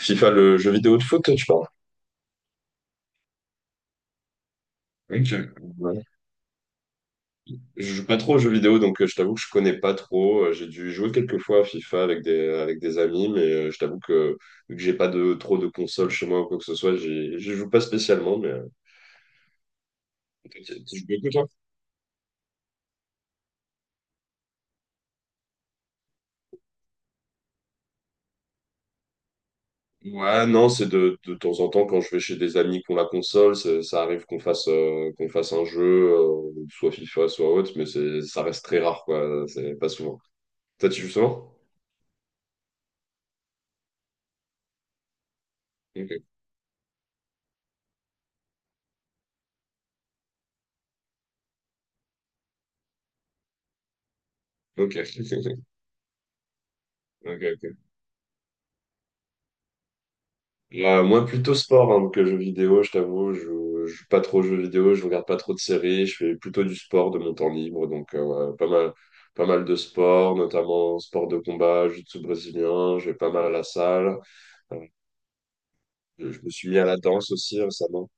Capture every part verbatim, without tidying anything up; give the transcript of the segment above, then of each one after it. FIFA, le jeu vidéo de foot, tu parles? Ok. Ouais. Je joue pas trop aux jeux vidéo, donc euh, je t'avoue que je connais pas trop. Euh, J'ai dû jouer quelques fois à FIFA avec des, avec des amis, mais euh, je t'avoue que vu que j'ai pas de trop de consoles chez moi ou quoi que ce soit, j'y- j'y joue pas spécialement. Mais euh, tu tu joues beaucoup toi? Ouais, non, c'est de, de temps en temps quand je vais chez des amis qui ont la console, c'est- ça arrive qu'on fasse euh, qu'on fasse un jeu, euh, soit FIFA, soit autre, mais c'est ça reste très rare quoi. C'est pas souvent. Toi, tu joues souvent? Ok. Ok. Ok. Ok. Euh, moi, plutôt sport hein, que jeux vidéo, je t'avoue. Je je joue pas trop aux jeux vidéo, je regarde pas trop de séries. Je fais plutôt du sport de mon temps libre. Donc, euh, ouais, pas mal, pas mal de sport, notamment sport de combat, jiu-jitsu brésilien. Je vais pas mal à la salle. Euh, je me suis mis à la danse aussi récemment.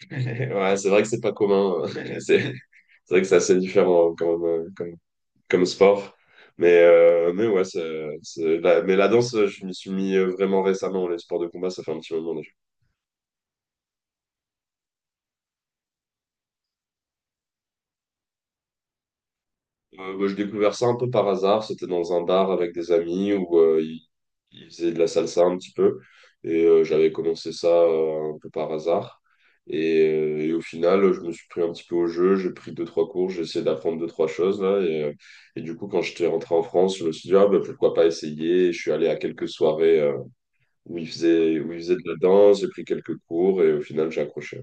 Ouais, c'est vrai que c'est pas commun. euh, C'est c'est vrai que c'est assez différent hein, comme, euh, comme, comme sport. Mais, euh, mais ouais, c'est, c'est- la, mais la danse, je m'y suis mis euh, vraiment récemment. Les sports de combat, ça fait un petit moment. Euh, bah, j'ai découvert ça un peu par hasard. C'était dans un bar avec des amis où euh, ils, ils faisaient de la salsa un petit peu. Et euh, j'avais commencé ça euh, un peu par hasard. Et, euh, et au final, je me suis pris un petit peu au jeu. J'ai pris deux, trois cours. J'ai essayé d'apprendre deux, trois choses. Là, et, euh, et du coup, quand j'étais rentré en France, je me suis dit, ah, bah, pourquoi pas essayer. Je suis allé à quelques soirées euh, où ils faisaient, où ils faisaient de la danse. J'ai pris quelques cours et au final, j'ai accroché.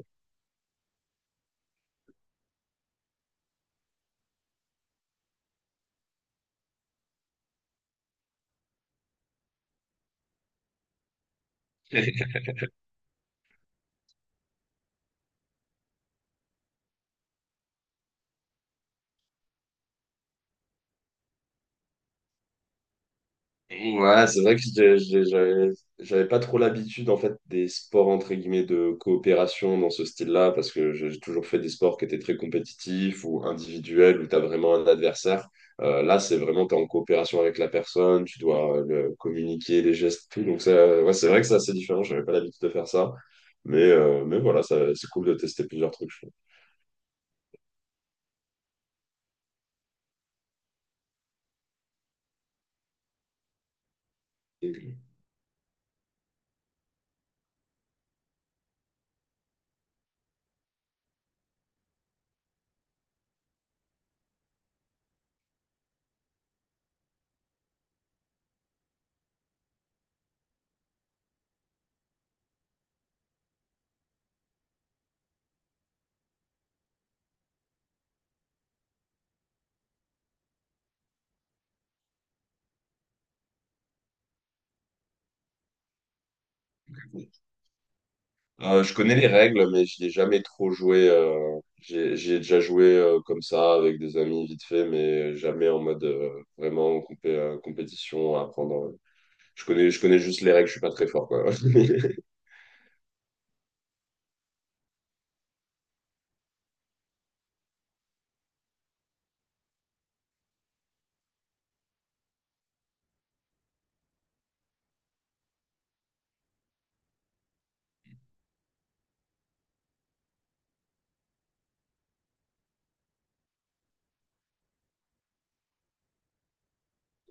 Ouais, c'est vrai que j'ai- j'ai- j'avais j'avais pas trop l'habitude en fait des sports entre guillemets de coopération dans ce style-là parce que j'ai j'ai toujours fait des sports qui étaient très compétitifs ou individuels où tu as vraiment un adversaire. Euh, là, c'est vraiment tu es en coopération avec la personne, tu dois euh, le- communiquer les gestes, tout. Donc ça, ouais, c'est vrai que c'est assez différent, j'avais pas l'habitude de faire ça. Mais, euh, mais voilà, ça- c'est cool de tester plusieurs trucs, je trouve. Euh, je connais les règles, mais j'y ai jamais trop joué. euh, j'ai, j'ai déjà joué euh, comme ça avec des amis vite fait, mais jamais en mode euh, vraiment compé- euh, compétition à apprendre. Je connais, je connais juste les règles, je suis pas très fort, quoi.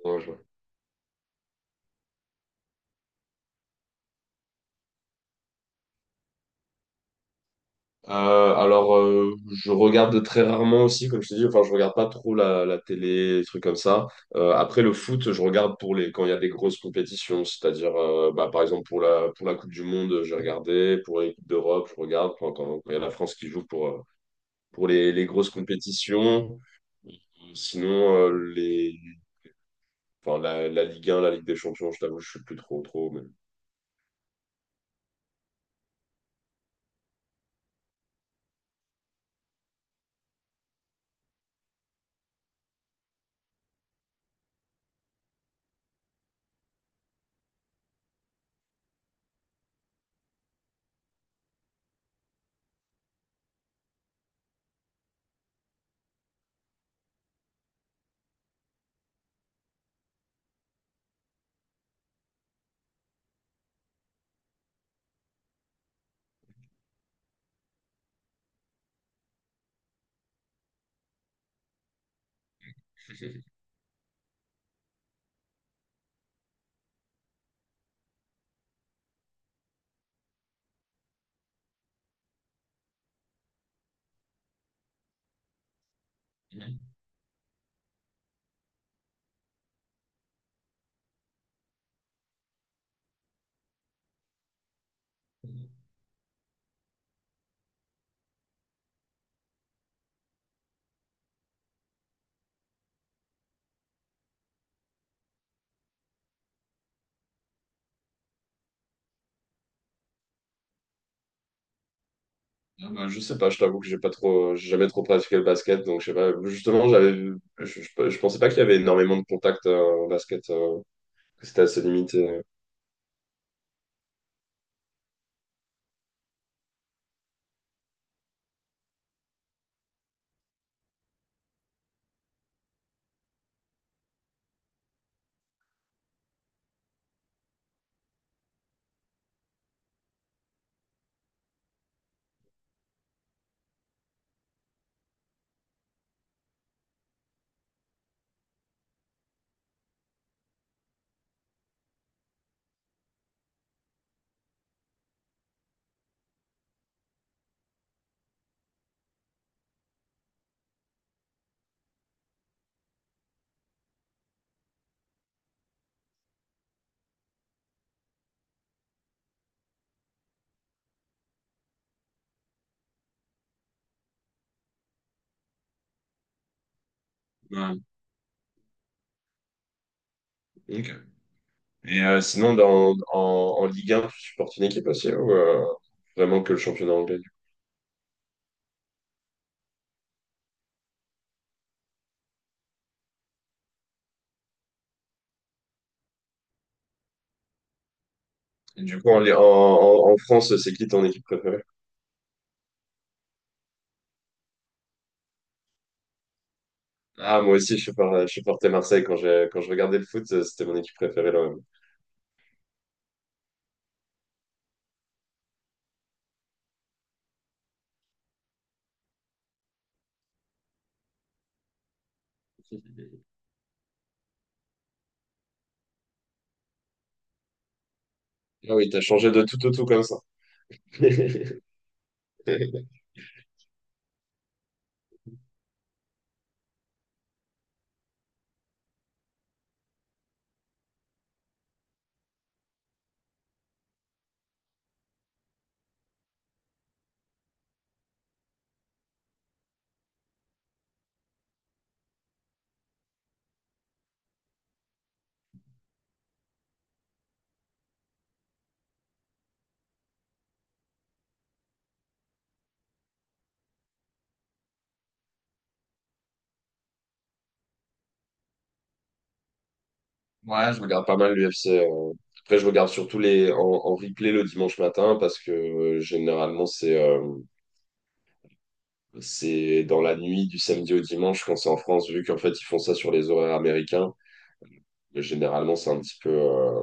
Ouais, je vois. Euh, alors, euh, je regarde très rarement aussi, comme je t'ai dit, enfin, je regarde pas trop la, la télé, des trucs comme ça. Euh, après le foot, je regarde pour les, quand il y a des grosses compétitions, c'est-à-dire, euh, bah, par exemple, pour la, pour la Coupe du Monde, j'ai regardé, pour les Coupes d'Europe, je regarde, quand, quand, quand il y a la France qui joue pour, euh, pour les, les grosses compétitions. Sinon, euh, les, enfin, la, la Ligue un, la Ligue des Champions, je t'avoue, je suis plus trop, trop. Mais... Ah, bah, Je sais pas, je t'avoue que j'ai pas trop, j'ai jamais trop pratiqué le basket, donc je sais pas. Justement, j'avais, je, je, je pensais pas qu'il y avait énormément de contacts euh, en basket, euh, que c'était assez limité. Ouais. Ok. Et euh, sinon, dans, en, en Ligue un, tu supportes une équipe aussi ou euh, vraiment que le championnat anglais? Du coup, en, en, en en France, c'est qui ton équipe préférée? Ah, moi aussi, je supporte- je supportais Marseille quand je, quand je regardais le foot, euh, c'était mon équipe préférée là. Ah oui, t'as changé de tout au tout comme ça. Ouais, je regarde pas mal l'U F C. Après, je regarde surtout les en, en replay le dimanche matin parce que euh, généralement c'est euh, c'est dans la nuit du samedi au dimanche quand c'est en France, vu qu'en fait ils font ça sur les horaires américains. Mais généralement, c'est un petit peu, euh,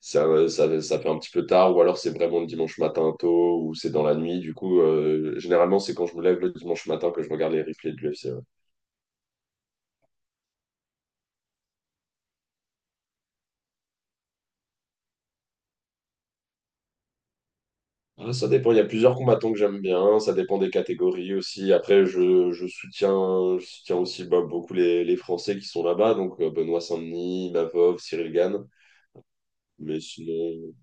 ça, euh, ça, ça fait un petit peu tard, ou alors c'est vraiment le dimanche matin tôt, ou c'est dans la nuit. Du coup, euh, généralement, c'est quand je me lève le dimanche matin que je regarde les replays de l'U F C. Ouais. Ah, ça dépend, il y a plusieurs combattants que j'aime bien, ça dépend des catégories aussi. Après, je, je soutiens, je soutiens aussi bah, beaucoup les, les Français qui sont là-bas, donc euh, Benoît Saint-Denis, Mavov, Cyril Gann. Mais sinon,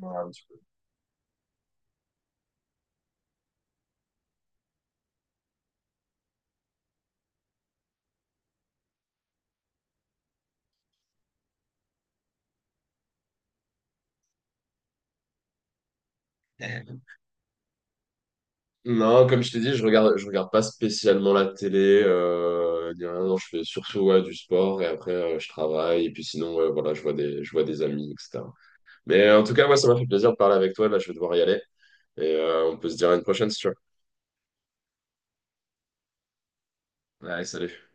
voilà, un petit peu. Non, comme je t'ai dit, je regarde, je regarde pas spécialement la télé, euh, ni rien. Non, je fais surtout ouais, du sport et après euh, je travaille et puis sinon ouais, voilà, je vois des, je vois des amis, et cetera. Mais euh, en tout cas, ouais, ça m'a fait plaisir de parler avec toi. Là, je vais devoir y aller et euh, on peut se dire à une prochaine si tu veux. Allez, salut.